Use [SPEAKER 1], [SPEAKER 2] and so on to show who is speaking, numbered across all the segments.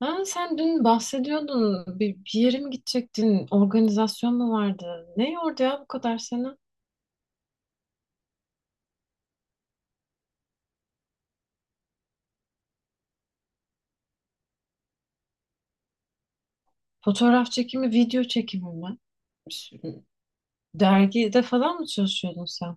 [SPEAKER 1] Ha, sen dün bahsediyordun. Bir yere mi gidecektin? Organizasyon mu vardı? Ne yordu ya bu kadar seni? Fotoğraf çekimi, video çekimi mi? Ş- Dergide falan mı çalışıyordun sen?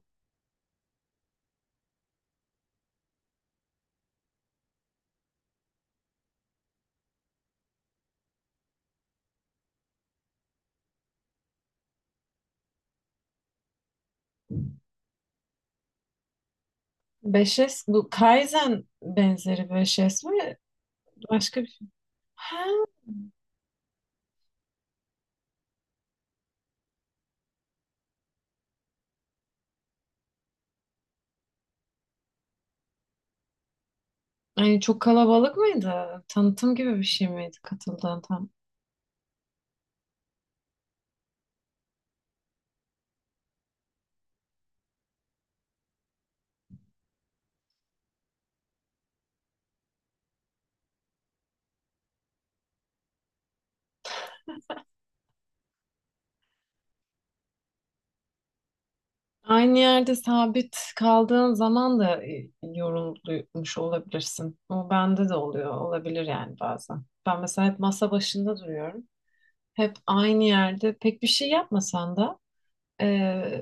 [SPEAKER 1] 5S, bu Kaizen benzeri 5S mi? Başka bir şey. Ha, yani çok kalabalık mıydı? Tanıtım gibi bir şey miydi katıldığın? Aynı yerde sabit kaldığın zaman da yorulmuş olabilirsin. O bende de oluyor, olabilir yani bazen. Ben mesela hep masa başında duruyorum. Hep aynı yerde pek bir şey yapmasan da e,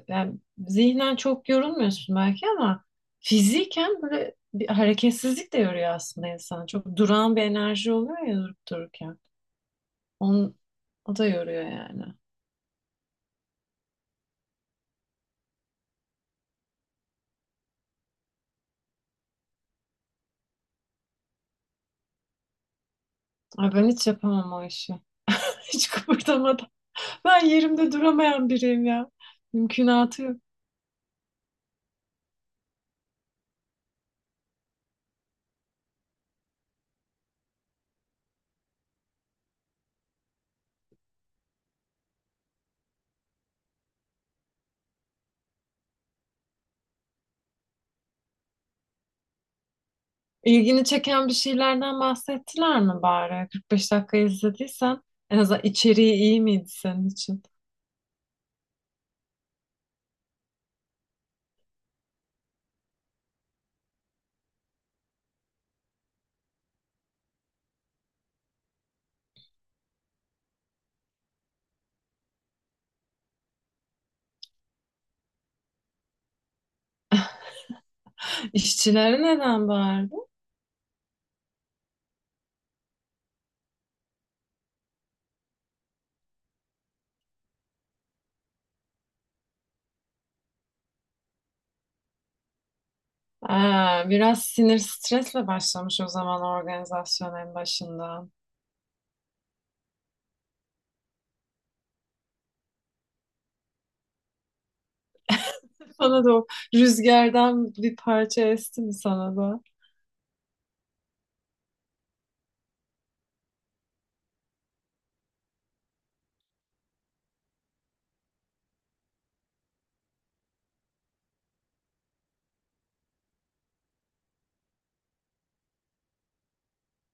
[SPEAKER 1] yani zihnen çok yorulmuyorsun belki ama fiziken böyle bir hareketsizlik de yoruyor aslında insanı. Çok duran bir enerji oluyor ya durup dururken. Onun, o da yoruyor yani. Ay ben hiç yapamam o işi. Hiç kıpırdamadan. Ben yerimde duramayan biriyim ya. Mümkünatı yok. İlgini çeken bir şeylerden bahsettiler mi bari? 45 dakika izlediysen en azından içeriği iyi miydi senin için? İşçilere neden bağırdı? Aa, biraz sinir stresle başlamış o zaman organizasyon en başında. Sana da o rüzgardan bir parça esti mi sana da?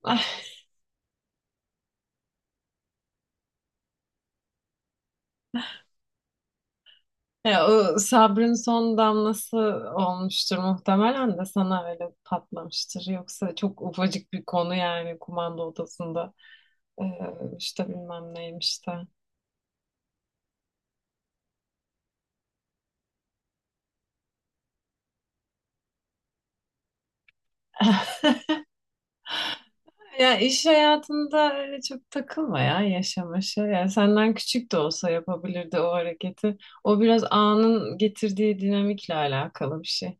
[SPEAKER 1] Ah, ya o sabrın son damlası olmuştur muhtemelen de sana öyle patlamıştır. Yoksa çok ufacık bir konu yani kumanda odasında e, işte bilmem neymiş de. Ya iş hayatında öyle çok takılma ya yaşamaşa. Yani senden küçük de olsa yapabilirdi o hareketi. O biraz anın getirdiği dinamikle alakalı bir şey.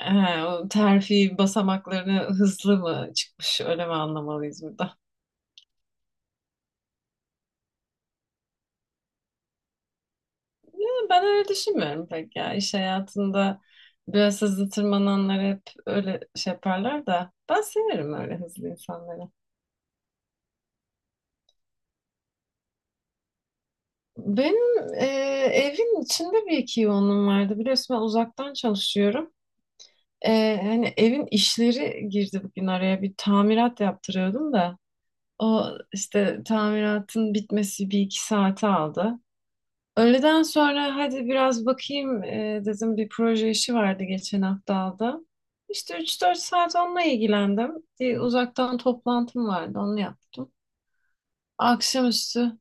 [SPEAKER 1] He, o terfi basamaklarını hızlı mı çıkmış öyle mi anlamalıyız burada? Ben öyle düşünmüyorum pek ya. İş hayatında biraz hızlı tırmananlar hep öyle şey yaparlar da ben severim öyle hızlı insanları. Benim evin içinde bir iki yoğunluğum vardı. Biliyorsun ben uzaktan çalışıyorum. Hani evin işleri girdi bugün araya. Bir tamirat yaptırıyordum da. O işte tamiratın bitmesi bir iki saate aldı. Öğleden sonra hadi biraz bakayım dedim, bir proje işi vardı geçen hafta aldım. İşte üç dört saat onunla ilgilendim. Bir uzaktan toplantım vardı, onu yaptım. Akşamüstü,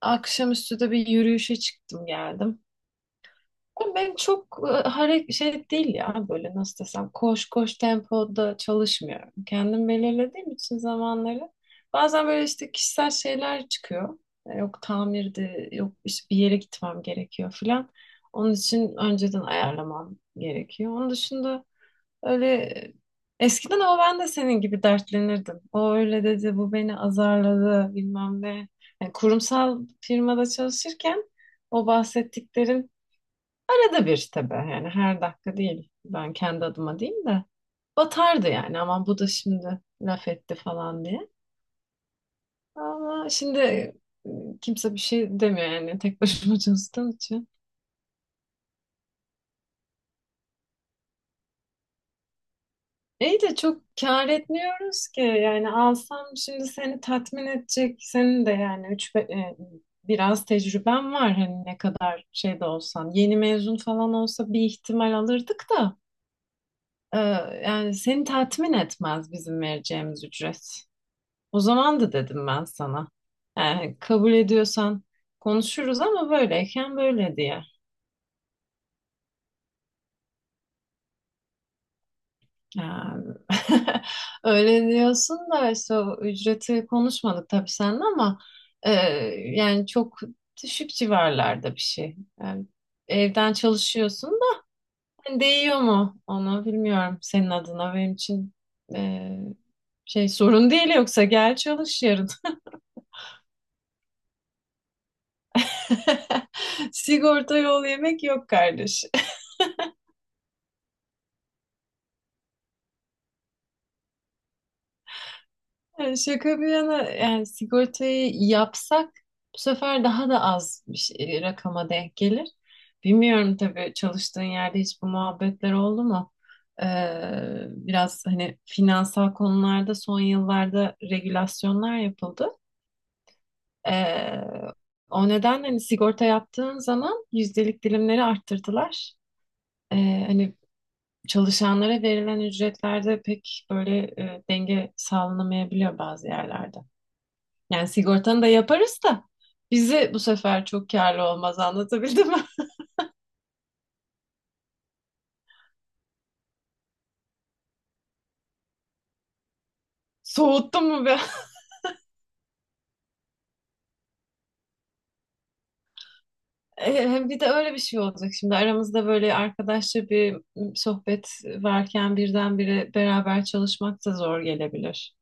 [SPEAKER 1] akşamüstü de bir yürüyüşe çıktım geldim. Ama ben çok hareket şey değil ya, böyle nasıl desem, koş koş tempoda çalışmıyorum. Kendim belirlediğim için zamanları, bazen böyle işte kişisel şeyler çıkıyor. Yok tamirdi, yok işte bir yere gitmem gerekiyor filan. Onun için önceden ayarlamam gerekiyor. Onun dışında öyle eskiden ama ben de senin gibi dertlenirdim. O öyle dedi, bu beni azarladı, bilmem ne. Yani kurumsal firmada çalışırken o bahsettiklerin arada bir tabii, yani her dakika değil. Ben kendi adıma değil de batardı yani, ama bu da şimdi laf etti falan diye. Ama şimdi kimse bir şey demiyor yani, tek başıma çalıştığım için. İyi de çok kâr etmiyoruz ki yani, alsam şimdi seni tatmin edecek senin de, yani biraz tecrüben var, hani ne kadar şey de olsan, yeni mezun falan olsa bir ihtimal alırdık da e, yani seni tatmin etmez bizim vereceğimiz ücret. O zaman da dedim ben sana. Yani kabul ediyorsan konuşuruz, ama böyleyken böyle diye. Yani öyle diyorsun da, işte o ücreti konuşmadık tabii seninle ama e, yani çok düşük civarlarda bir şey. Yani evden çalışıyorsun da hani değiyor mu, onu bilmiyorum senin adına, benim için e, şey sorun değil, yoksa gel çalış yarın. Sigorta yol yemek yok kardeş. Yani şaka bir yana, yani sigortayı yapsak bu sefer daha da az bir rakama denk gelir. Bilmiyorum tabii, çalıştığın yerde hiç bu muhabbetler oldu mu? Biraz hani finansal konularda son yıllarda regülasyonlar yapıldı. Ee, O nedenle hani sigorta yaptığın zaman yüzdelik dilimleri arttırdılar. Hani çalışanlara verilen ücretlerde pek böyle denge sağlanamayabiliyor bazı yerlerde. Yani sigortanı da yaparız da bizi bu sefer çok karlı olmaz, anlatabildim mi? Soğuttum mu be? Hem bir de öyle bir şey olacak, şimdi aramızda böyle arkadaşça bir sohbet varken birdenbire beraber çalışmak da zor gelebilir.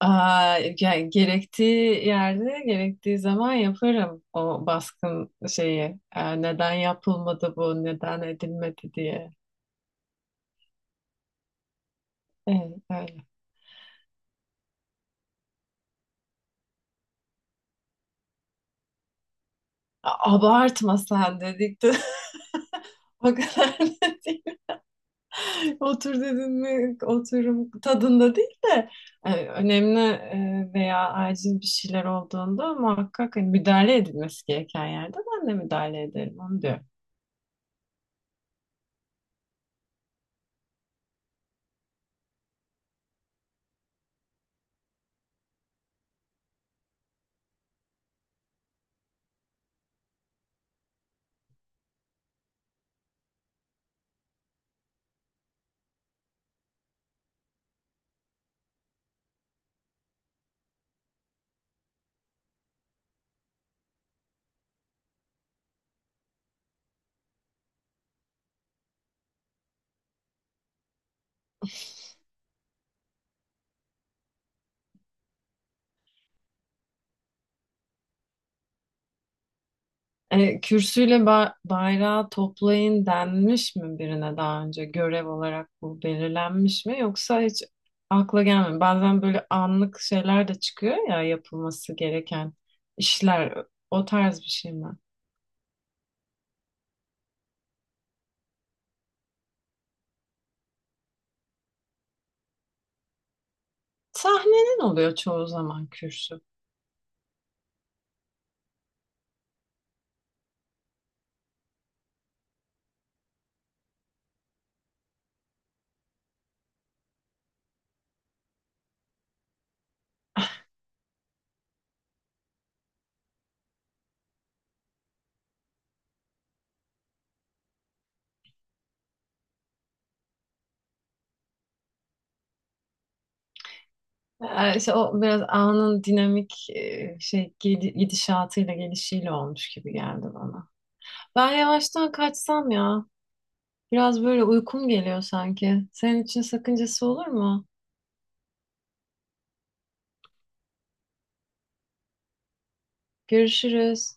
[SPEAKER 1] Aa, yani gerektiği yerde gerektiği zaman yaparım o baskın şeyi. Neden yapılmadı bu, neden edilmedi diye. Evet, öyle. Abartma sen dedik de o kadar da değil. Otur dedin mi oturum tadında değil de önemli veya acil bir şeyler olduğunda muhakkak hani müdahale edilmesi gereken yerde ben de müdahale ederim, onu diyor. Kürsüyle bayrağı toplayın denmiş mi birine, daha önce görev olarak bu belirlenmiş mi, yoksa hiç akla gelmiyor. Bazen böyle anlık şeyler de çıkıyor ya yapılması gereken işler, o tarz bir şey mi? Sahnenin oluyor çoğu zaman kürsü. İşte o biraz anın dinamik gidişatıyla gelişiyle olmuş gibi geldi bana. Ben yavaştan kaçsam ya. Biraz böyle uykum geliyor sanki. Senin için sakıncası olur mu? Görüşürüz.